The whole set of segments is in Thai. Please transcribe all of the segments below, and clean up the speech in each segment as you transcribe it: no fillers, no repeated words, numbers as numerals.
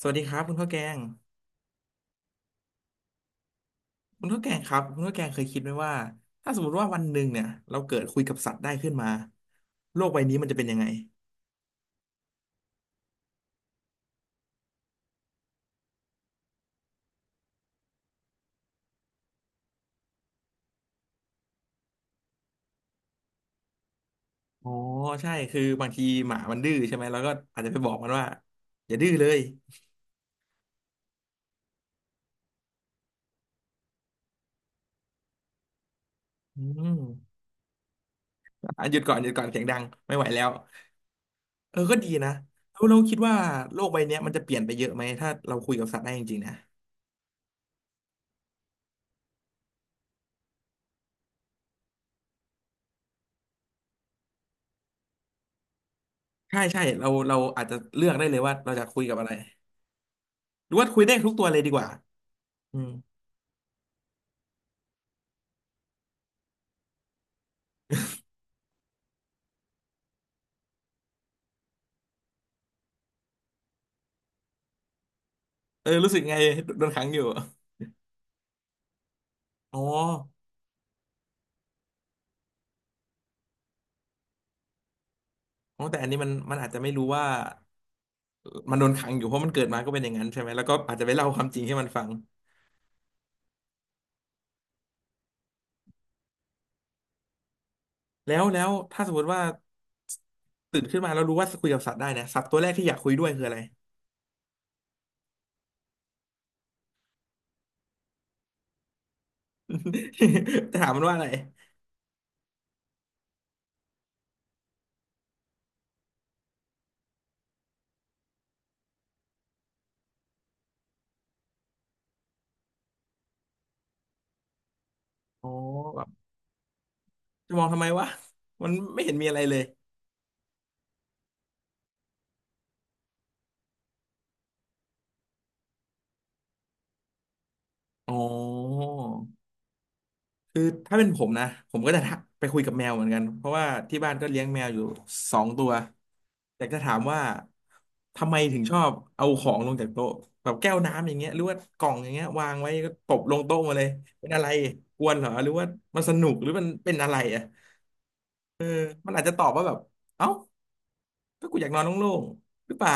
สวัสดีครับคุณข้าวแกงคุณข้าวแกงครับคุณข้าวแกงเคยคิดไหมว่าถ้าสมมติว่าวันหนึ่งเนี่ยเราเกิดคุยกับสัตว์ได้ขึ้นมาโลกใบนี้มันจะเป็นยังไงอ๋อใช่คือบางทีหมามันดื้อใช่ไหมเราก็อาจจะไปบอกมันว่าอย่าดื้อเลยอืมอ่ะหยุดก่อนหยุดก่อนเสียงดังไม่ไหวแล้วเออก็ดีนะแล้วเราคิดว่าโลกใบเนี้ยมันจะเปลี่ยนไปเยอะไหมถ้าเราคุยกับสัตว์ได้จริงๆนะใช่ใช่เราอาจจะเลือกได้เลยว่าเราจะคุยกับอะไรหรือว่าคุยได้ทุกตัวเลยดีกว่าอืมเออรู้สึกไงโดนขังอยู่ อ๋ออ๋อแต่อันนี้มันอาจจะไม่รู้ว่ามันโดนขังอยู่เพราะมันเกิดมาก็เป็นอย่างนั้นใช่ไหม แล้วก็อาจจะไปเล่าความจริงให้มันฟัง แล้วถ้าสมมติว่าตื่นขึ้นมาแล้วรู้ว่าคุยกับสัตว์ได้นะสัตว์ตัวแรกที่อยากคุยด้วยคืออะไร จะถามมันว่าอะไรอ๋อแบบจะมองทำไมวะมันไม่เห็นมีอะไรเลยอ๋อ คือถ้าเป็นผมนะผมก็จะทักไปคุยกับแมวเหมือนกันเพราะว่าที่บ้านก็เลี้ยงแมวอยู่สองตัวแต่จะถามว่าทำไมถึงชอบเอาของลงจากโต๊ะแบบแก้วน้ำอย่างเงี้ยหรือว่ากล่องอย่างเงี้ยวางไว้ก็ตบลงโต๊ะมาเลยเป็นอะไรกวนเหรอหรือว่ามันสนุกหรือมันเป็นอะไรอ่ะเออมันอาจจะตอบว่าแบบเอ้าก็กูอยากนอนโล่งๆหรือเปล่า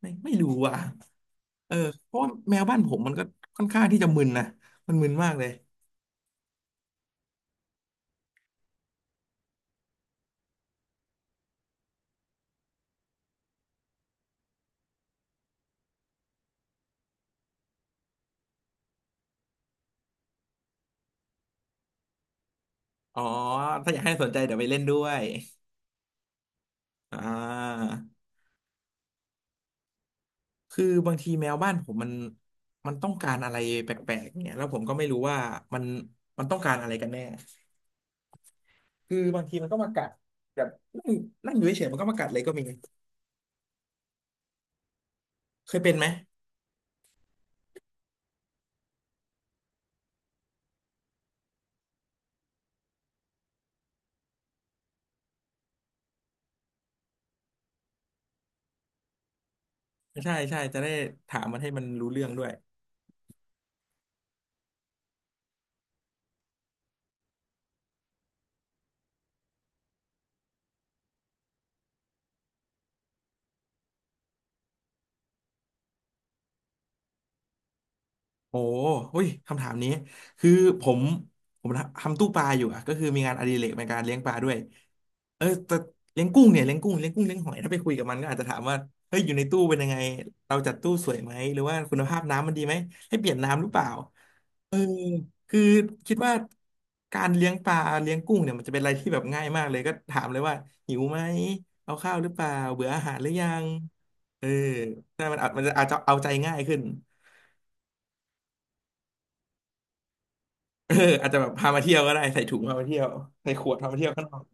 ไม่รู้อ่ะเออเพราะว่าแมวบ้านผมมันก็ค่อนข้างที่จะมึนนะมันมึนมากเลยอ๋อถ้าอยากให้สนใจเดี๋ยวไปเล่นด้วย อ่าคือบางทีแมวบ้านผมมันต้องการอะไรแปลกๆเนี่ยแล้วผมก็ไม่รู้ว่ามันมันต้องการอะไรกันแน่คือบางทีมันก็มากัดแบบนั่งนั่งอยู่เฉยๆมันก็มากัดเลยก็มีเคยเป็นไหมใช่ใช่จะได้ถามมันให้มันรู้เรื่องด้วย โอ้อุ้ยคำถามนี้คือผมผมทำตู้ปลาอยู่อะก็คือมีงานอดิเรกในการเลี้ยงปลาด้วยเออแต่เลี้ยงกุ้งเนี่ยเลี้ยงกุ้งเลี้ยงหอยถ้าไปคุยกับมันก็อาจจะถามว่าเฮ้ยอยู่ในตู้เป็นยังไงเราจัดตู้สวยไหมหรือว่าคุณภาพน้ำมันดีไหมให้เปลี่ยนน้ำหรือเปล่าเออคือคิดว่าการเลี้ยงปลาเลี้ยงกุ้งเนี่ยมันจะเป็นอะไรที่แบบง่ายมากเลยก็ถามเลยว่าหิวไหมเอาข้าวหรือเปล่าเบื่ออาหารหรือยังเออถ้ามันเอามันจะอาจจะเอาใจง่ายขึ้น เอออาจจะแบบพามาเที่ยวก็ได้ใส่ถุงพามาเที่ยวใส่ขวดพามาเที่ยวข้างนอก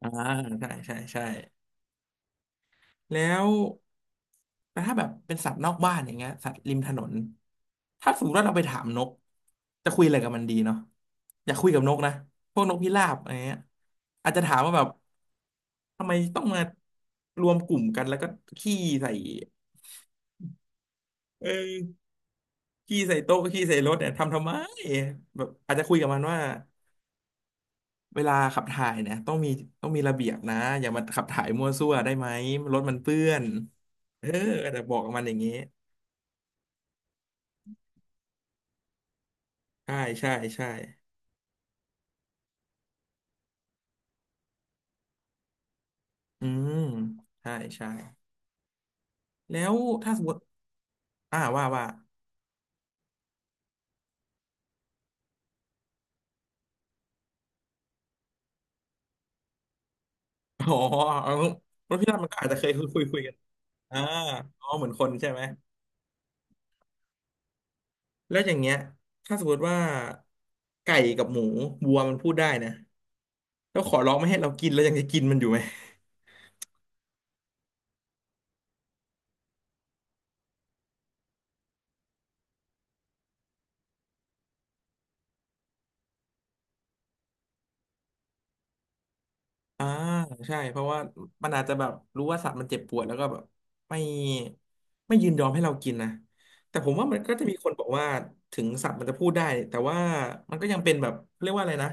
อ่าใช่ใช่ใช่แล้วแต่ถ้าแบบเป็นสัตว์นอกบ้านอย่างเงี้ยสัตว์ริมถนนถ้าสมมติว่าเราไปถามนกจะคุยอะไรกับมันดีเนาะอยากคุยกับนกนะพวกนกพิราบอะไรเงี้ยอาจจะถามว่าแบบทำไมต้องมารวมกลุ่มกันแล้วก็ขี้ใส่เออขี้ใส่โต๊ะขี้ใส่รถเนี่ยทำทำไมแบบอาจจะคุยกับมันว่า เวลาขับถ่ายเนี่ยต้องมีระเบียบนะอย่ามาขับถ่ายมั่วซั่วได้ไหมรถมันเปื้อนเออแต่บอกกับมันอย่างนี้ใช่ใช่ใช่อืมใช่ใช่แล้วถ้าสมมติอ่าว่าอ๋อรถพี่ราบมันก็อาจจะเคยคุยกันอ่าอ๋อเหมือนคนใช่ไหมแล้วอย่างเงี้ยถ้าสมมติว่าไก่กับหมูวัวมันพูดได้นะแล้วขอร้องไม่ให้เรากินแล้วยังจะกินมันอยู่ไหม อ่าใช่เพราะว่ามันอาจจะแบบรู้ว่าสัตว์มันเจ็บปวดแล้วก็แบบไม่ไม่ยินยอมให้เรากินนะแต่ผมว่ามันก็จะมีคนบอกว่าถึงสัตว์มันจะพูดได้แต่ว่ามันก็ยังเป็นแบบเรียกว่าอะไรนะ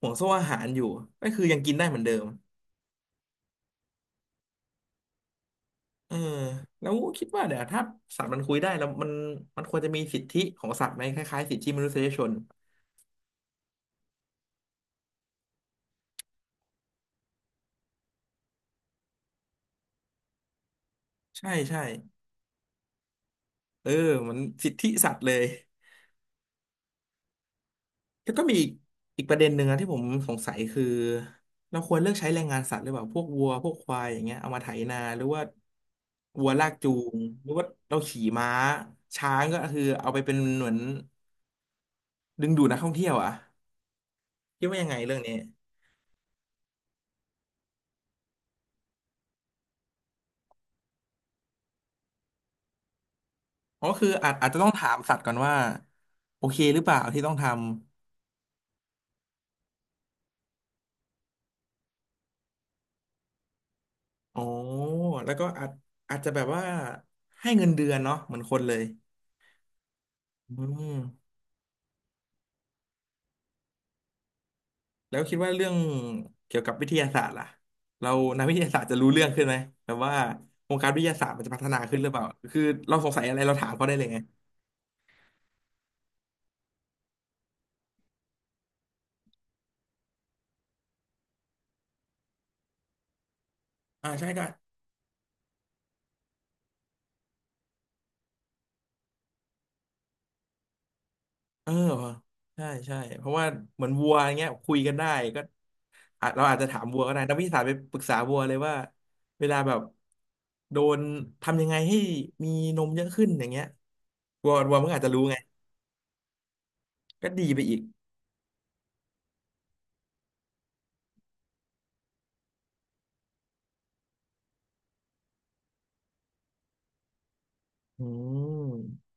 ห่วงโซ่อาหารอยู่ก็คือยังกินได้เหมือนเดิมเออแล้วคิดว่าเดี๋ยวถ้าสัตว์มันคุยได้แล้วมันมันควรจะมีสิทธิของสัตว์ไหมคล้ายๆสิทธิมนุษยชนใช่ใช่เออเหมันสิทธิสัตว์เลย แล้วก็มีอีกประเด็นหนึ่งนะที่ผมสงสัยคือเราควรเลือกใช้แรงงานสัตว์หรือเปล่าพวกวัวพวกควายอย่างเงี้ยเอามาไถนาหรือว่าวัวลากจูงหรือว่าเราขี่ม้าช้างก็คือเอาไปเป็นเหมือนดึงดูดนักท่องเที่ยวอ่ะคิดว่ายังไงเรื่องนี้อ๋อคืออาจจะต้องถามสัตว์ก่อนว่าโอเคหรือเปล่าที่ต้องทำอ๋อแล้วก็อาจจะแบบว่าให้เงินเดือนเนาะเหมือนคนเลยอืม แล้วคิดว่าเรื่องเกี่ยวกับวิทยาศาสตร์ล่ะเรานักวิทยาศาสตร์จะรู้เรื่องขึ้นไหมแบบว่าวงการวิทยาศาสตร์มันจะพัฒนาขึ้นหรือเปล่าคือเราสงสัยอะไรเราถามเขาได้เลยไงอ่าใช่ก็เออใช่ใช่เพราะว่าเหมือนวัวอย่างเงี้ยคุยกันได้ก็อาจเราอาจจะถามวัวก็ได้นักวิทยาศาสตร์ไปปรึกษาวัวเลยว่าเวลาแบบโดนทำยังไงให้มีนมเยอะขึ้นอย่างเงี้ยวัววัวมันก็อาจจะรู้ไงก็ดีไปอีกอืม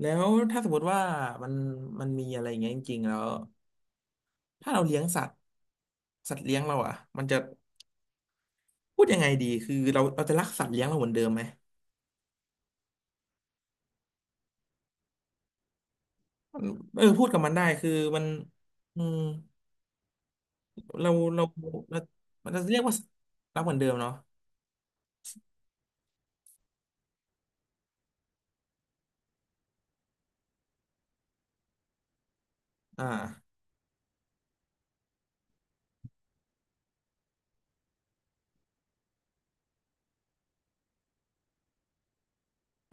แล้วถ้าสมมติว่ามันมันมีอะไรอย่างเงี้ยจริงๆแล้วถ้าเราเลี้ยงสัตว์สัตว์เลี้ยงเราอ่ะมันจะพูดยังไงดีคือเราจะรักสัตว์เลี้ยงเราเหมือนเดิมไหมมันเออพูดกับมันได้คือมันอืมเราเราเรามันจะเรียกว่ารักเหมือนเดิมเนาะอ่า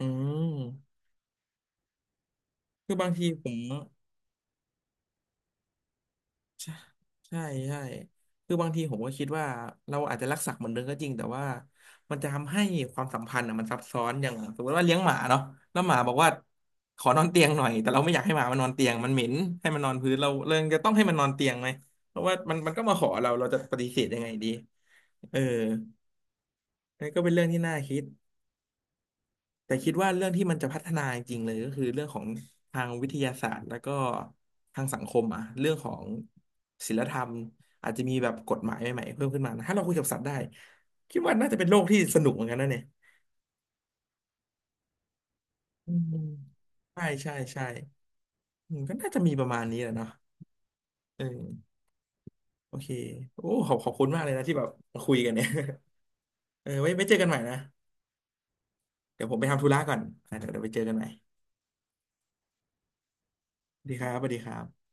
อืมคือบางทีผม ใช่ใช่ใช่คือบางทีผมก็คิดว่าเราอาจจะรักสัตว์เหมือนเดิมก็จริงแต่ว่ามันจะทำให้ความสัมพันธ์อ่ะมันซับซ้อนอย่างสมมติว่าเลี้ยงหมาเนาะแล้วหมาบอกว่าขอนอนเตียงหน่อยแต่เราไม่อยากให้หมามันนอนเตียงมันเหม็นให้มันนอนพื้นเราเลยจะต้องให้มันนอนเตียงไหมเพราะว่ามันก็มาขอเราเราจะปฏิเสธยังไงดีเออนั่นก็เป็นเรื่องที่น่าคิด แต่คิดว่าเรื่องที่มันจะพัฒนาจริงๆเลยก็คือเรื่องของทางวิทยาศาสตร์แล้วก็ทางสังคมอ่ะเรื่องของศีลธรรมอาจจะมีแบบกฎหมายใหม่ๆเพิ่มขึ้นมานะถ้าเราคุยกับสัตว์ได้คิดว่าน่าจะเป็นโลกที่สนุกเหมือนกันนะเนี่ยอืมใช่ใช่ใช่อืมก็น่าจะมีประมาณนี้แหละเนาะเออโอเคโอ้ขอบคุณมากเลยนะที่แบบมาคุยกันเนี่ยเออไว้เจอกันใหม่นะเดี๋ยวผมไปทำธุระก่อนอ่ะเดี๋ยวไปเจอกันใหม่สวัสดีครับสวัสดีครับ